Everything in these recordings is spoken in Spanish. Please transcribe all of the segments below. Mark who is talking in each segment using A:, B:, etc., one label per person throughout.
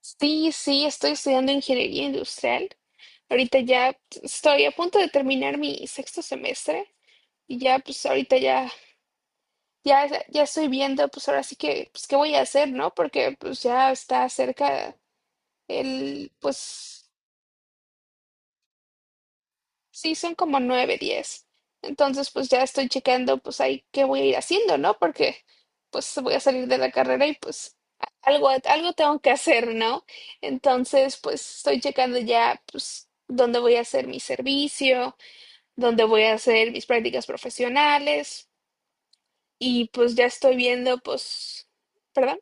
A: Sí, sí, estoy estudiando ingeniería industrial. Ahorita ya estoy a punto de terminar mi sexto semestre y ya pues ahorita ya estoy viendo pues ahora sí que pues qué voy a hacer, ¿no? Porque pues ya está cerca el pues. Sí, son como nueve, diez. Entonces, pues ya estoy checando, pues ahí qué voy a ir haciendo, ¿no? Porque pues voy a salir de la carrera y pues algo tengo que hacer, ¿no? Entonces, pues estoy checando ya, pues, dónde voy a hacer mi servicio, dónde voy a hacer mis prácticas profesionales y pues ya estoy viendo, pues, perdón,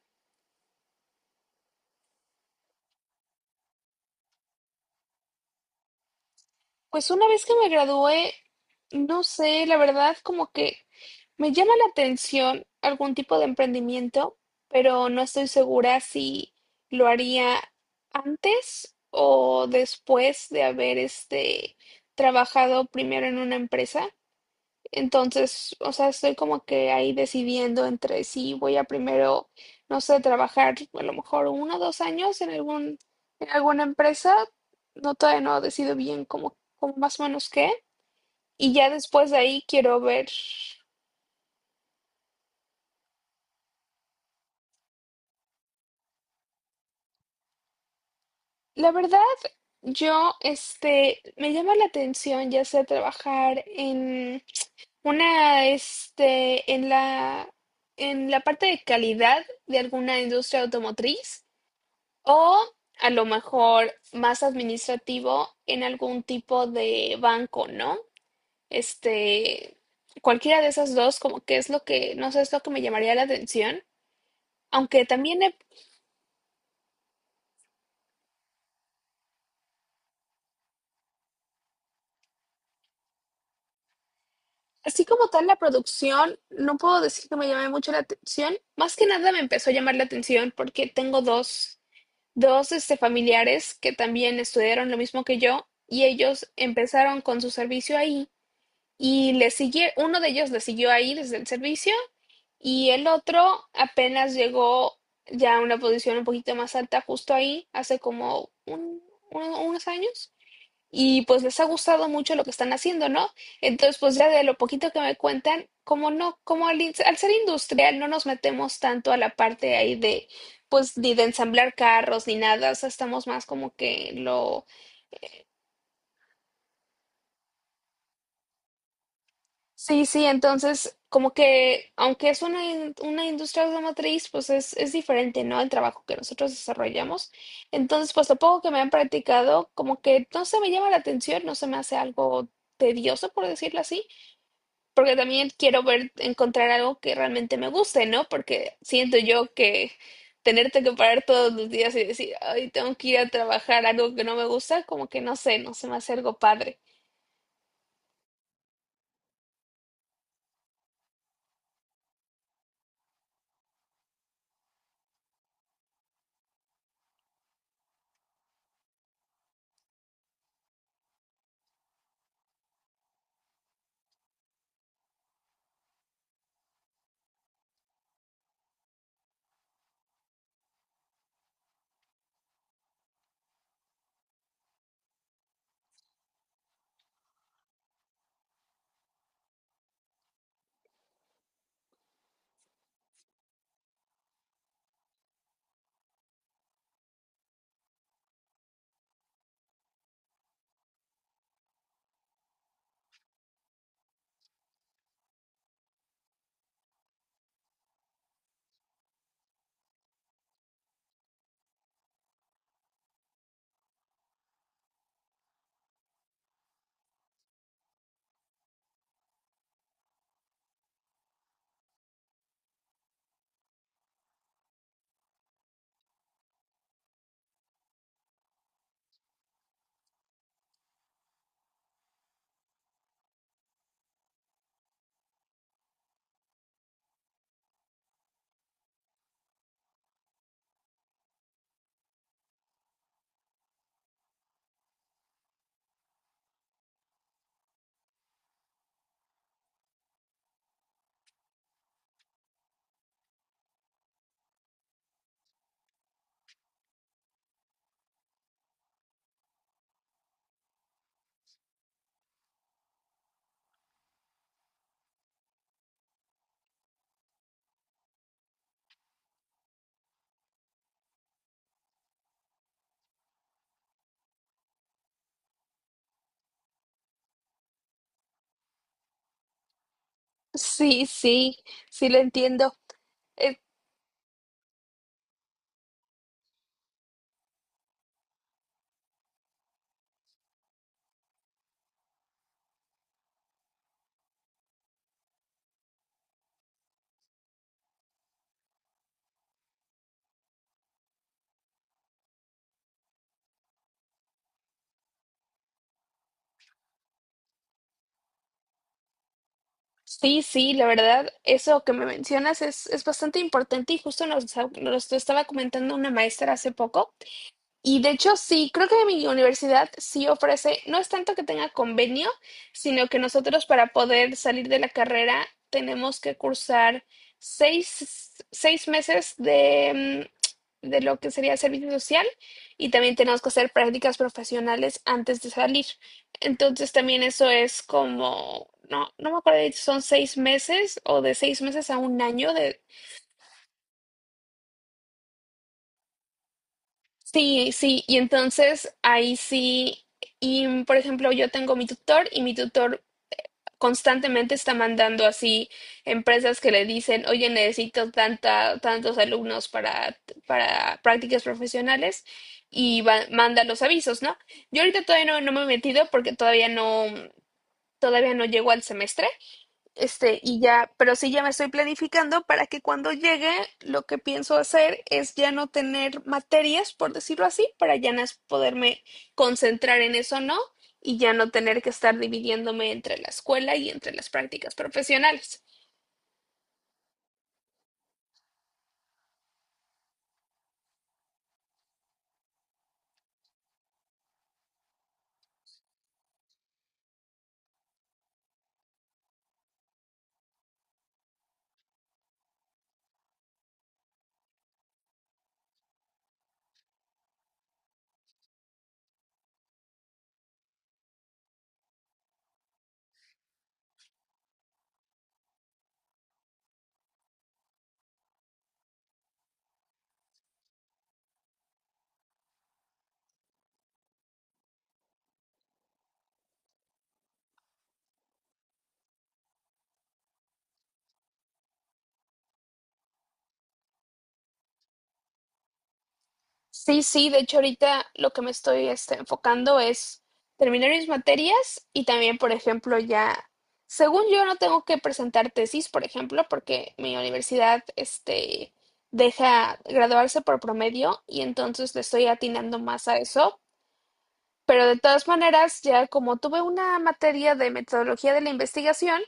A: pues una vez que me gradué, no sé, la verdad, como que me llama la atención algún tipo de emprendimiento, pero no estoy segura si lo haría antes o después de haber trabajado primero en una empresa. Entonces, o sea, estoy como que ahí decidiendo entre si voy a primero, no sé, trabajar a lo mejor 1 o 2 años en algún, en alguna empresa. No, todavía no decido bien cómo, cómo más o menos qué. Y ya después de ahí quiero ver. La verdad, yo, me llama la atención ya sea trabajar una, este, en la, en la parte de calidad de alguna industria automotriz o a lo mejor más administrativo en algún tipo de banco, ¿no? Este, Cualquiera de esas dos, como que es lo que, no sé, es lo que me llamaría la atención. Aunque también he. Así como tal la producción, no puedo decir que me llame mucho la atención. Más que nada me empezó a llamar la atención porque tengo dos familiares que también estudiaron lo mismo que yo y ellos empezaron con su servicio ahí y le sigue, uno de ellos le siguió ahí desde el servicio y el otro apenas llegó ya a una posición un poquito más alta justo ahí hace como unos años y pues les ha gustado mucho lo que están haciendo, ¿no? Entonces, pues ya de lo poquito que me cuentan, como no, como al ser industrial no nos metemos tanto a la parte ahí de, pues ni de ensamblar carros ni nada, o sea, estamos más como que lo. Sí, sí, entonces como que aunque es una industria automotriz, pues es diferente, ¿no? El trabajo que nosotros desarrollamos. Entonces, pues lo poco que me han practicado, como que no se me llama la atención, no se me hace algo tedioso, por decirlo así. Porque también quiero ver, encontrar algo que realmente me guste, ¿no? Porque siento yo que tenerte que parar todos los días y decir, ay, tengo que ir a trabajar algo que no me gusta, como que no sé, no se me hace algo padre. Sí, sí, sí lo entiendo. Eh, sí, sí, la verdad, eso que me mencionas es bastante importante y justo nos lo estaba comentando una maestra hace poco. Y de hecho, sí, creo que mi universidad sí ofrece, no es tanto que tenga convenio, sino que nosotros para poder salir de la carrera tenemos que cursar seis meses de lo que sería servicio social y también tenemos que hacer prácticas profesionales antes de salir. Entonces también eso es como, no me acuerdo si son 6 meses o de 6 meses a un año de. Sí, sí, y entonces ahí sí, y por ejemplo, yo tengo mi tutor y mi tutor constantemente está mandando así empresas que le dicen, oye, necesito tantos alumnos para prácticas profesionales y manda los avisos, ¿no? Yo ahorita todavía no me he metido porque todavía no llego al semestre y ya, pero sí ya me estoy planificando para que cuando llegue, lo que pienso hacer es ya no tener materias, por decirlo así, para ya poderme concentrar en eso, ¿no? Y ya no tener que estar dividiéndome entre la escuela y entre las prácticas profesionales. Sí, sí, de hecho ahorita lo que me estoy enfocando es terminar mis materias y también, por ejemplo, ya, según yo no tengo que presentar tesis, por ejemplo, porque mi universidad deja graduarse por promedio y entonces le estoy atinando más a eso. Pero de todas maneras, ya como tuve una materia de metodología de la investigación,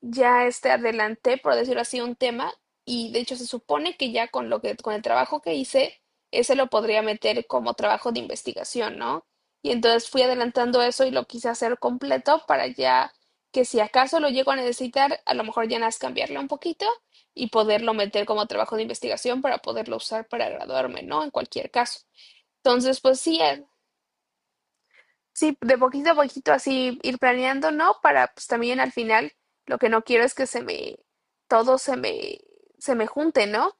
A: ya adelanté, por decirlo así, un tema y de hecho se supone que ya con lo que con el trabajo que hice, ese lo podría meter como trabajo de investigación, ¿no? Y entonces fui adelantando eso y lo quise hacer completo para ya que si acaso lo llego a necesitar, a lo mejor ya nada más cambiarlo un poquito y poderlo meter como trabajo de investigación para poderlo usar para graduarme, ¿no? En cualquier caso. Entonces, pues sí. Sí, de poquito a poquito así ir planeando, ¿no? Para pues también al final lo que no quiero es que todo se me junte, ¿no?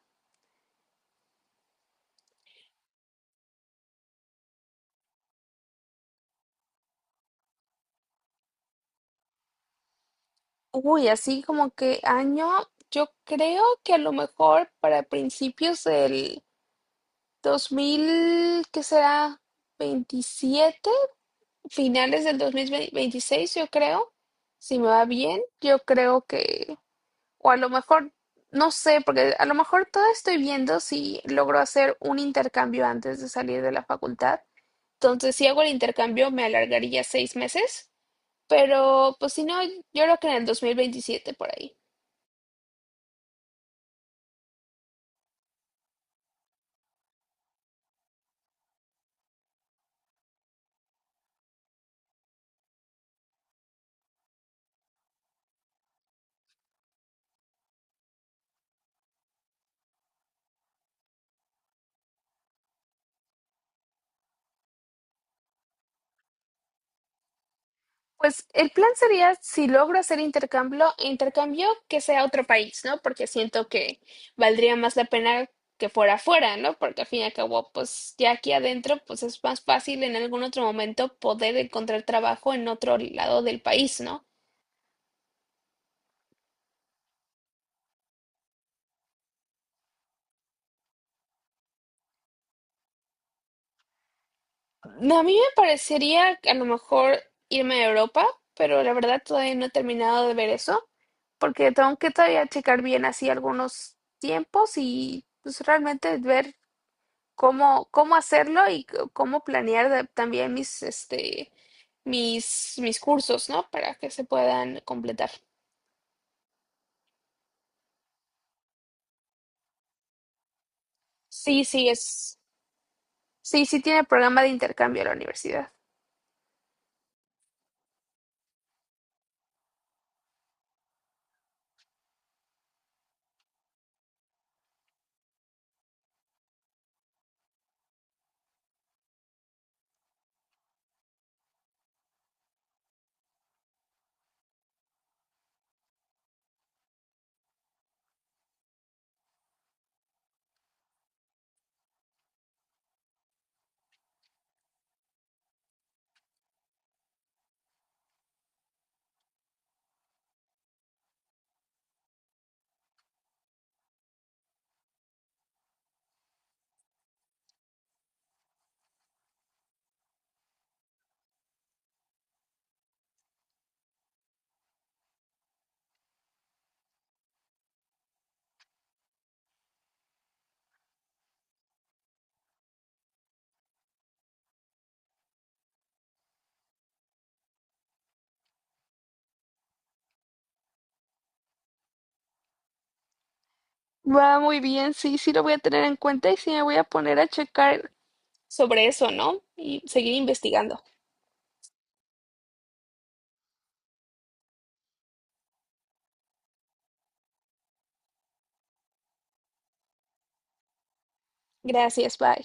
A: Uy, así como que año, yo creo que a lo mejor para principios del 2000, ¿qué será? 27, finales del 2026, yo creo, si me va bien, yo creo que. O a lo mejor, no sé, porque a lo mejor todavía estoy viendo si logro hacer un intercambio antes de salir de la facultad. Entonces, si hago el intercambio, me alargaría 6 meses. Pero, pues si no, yo creo que en el 2027 por ahí. Pues el plan sería, si logro hacer intercambio, intercambio que sea a otro país, ¿no? Porque siento que valdría más la pena que fuera afuera, ¿no? Porque al fin y al cabo, pues ya aquí adentro, pues es más fácil en algún otro momento poder encontrar trabajo en otro lado del país, ¿no? No, a mí me parecería que a lo mejor irme a Europa, pero la verdad todavía no he terminado de ver eso, porque tengo que todavía checar bien así algunos tiempos y pues realmente ver cómo hacerlo y cómo planear también mis cursos, ¿no? Para que se puedan completar. Sí, sí, sí, sí tiene programa de intercambio la universidad. Va muy bien, sí, sí lo voy a tener en cuenta y sí me voy a poner a checar sobre eso, ¿no? Y seguir investigando. Gracias, bye.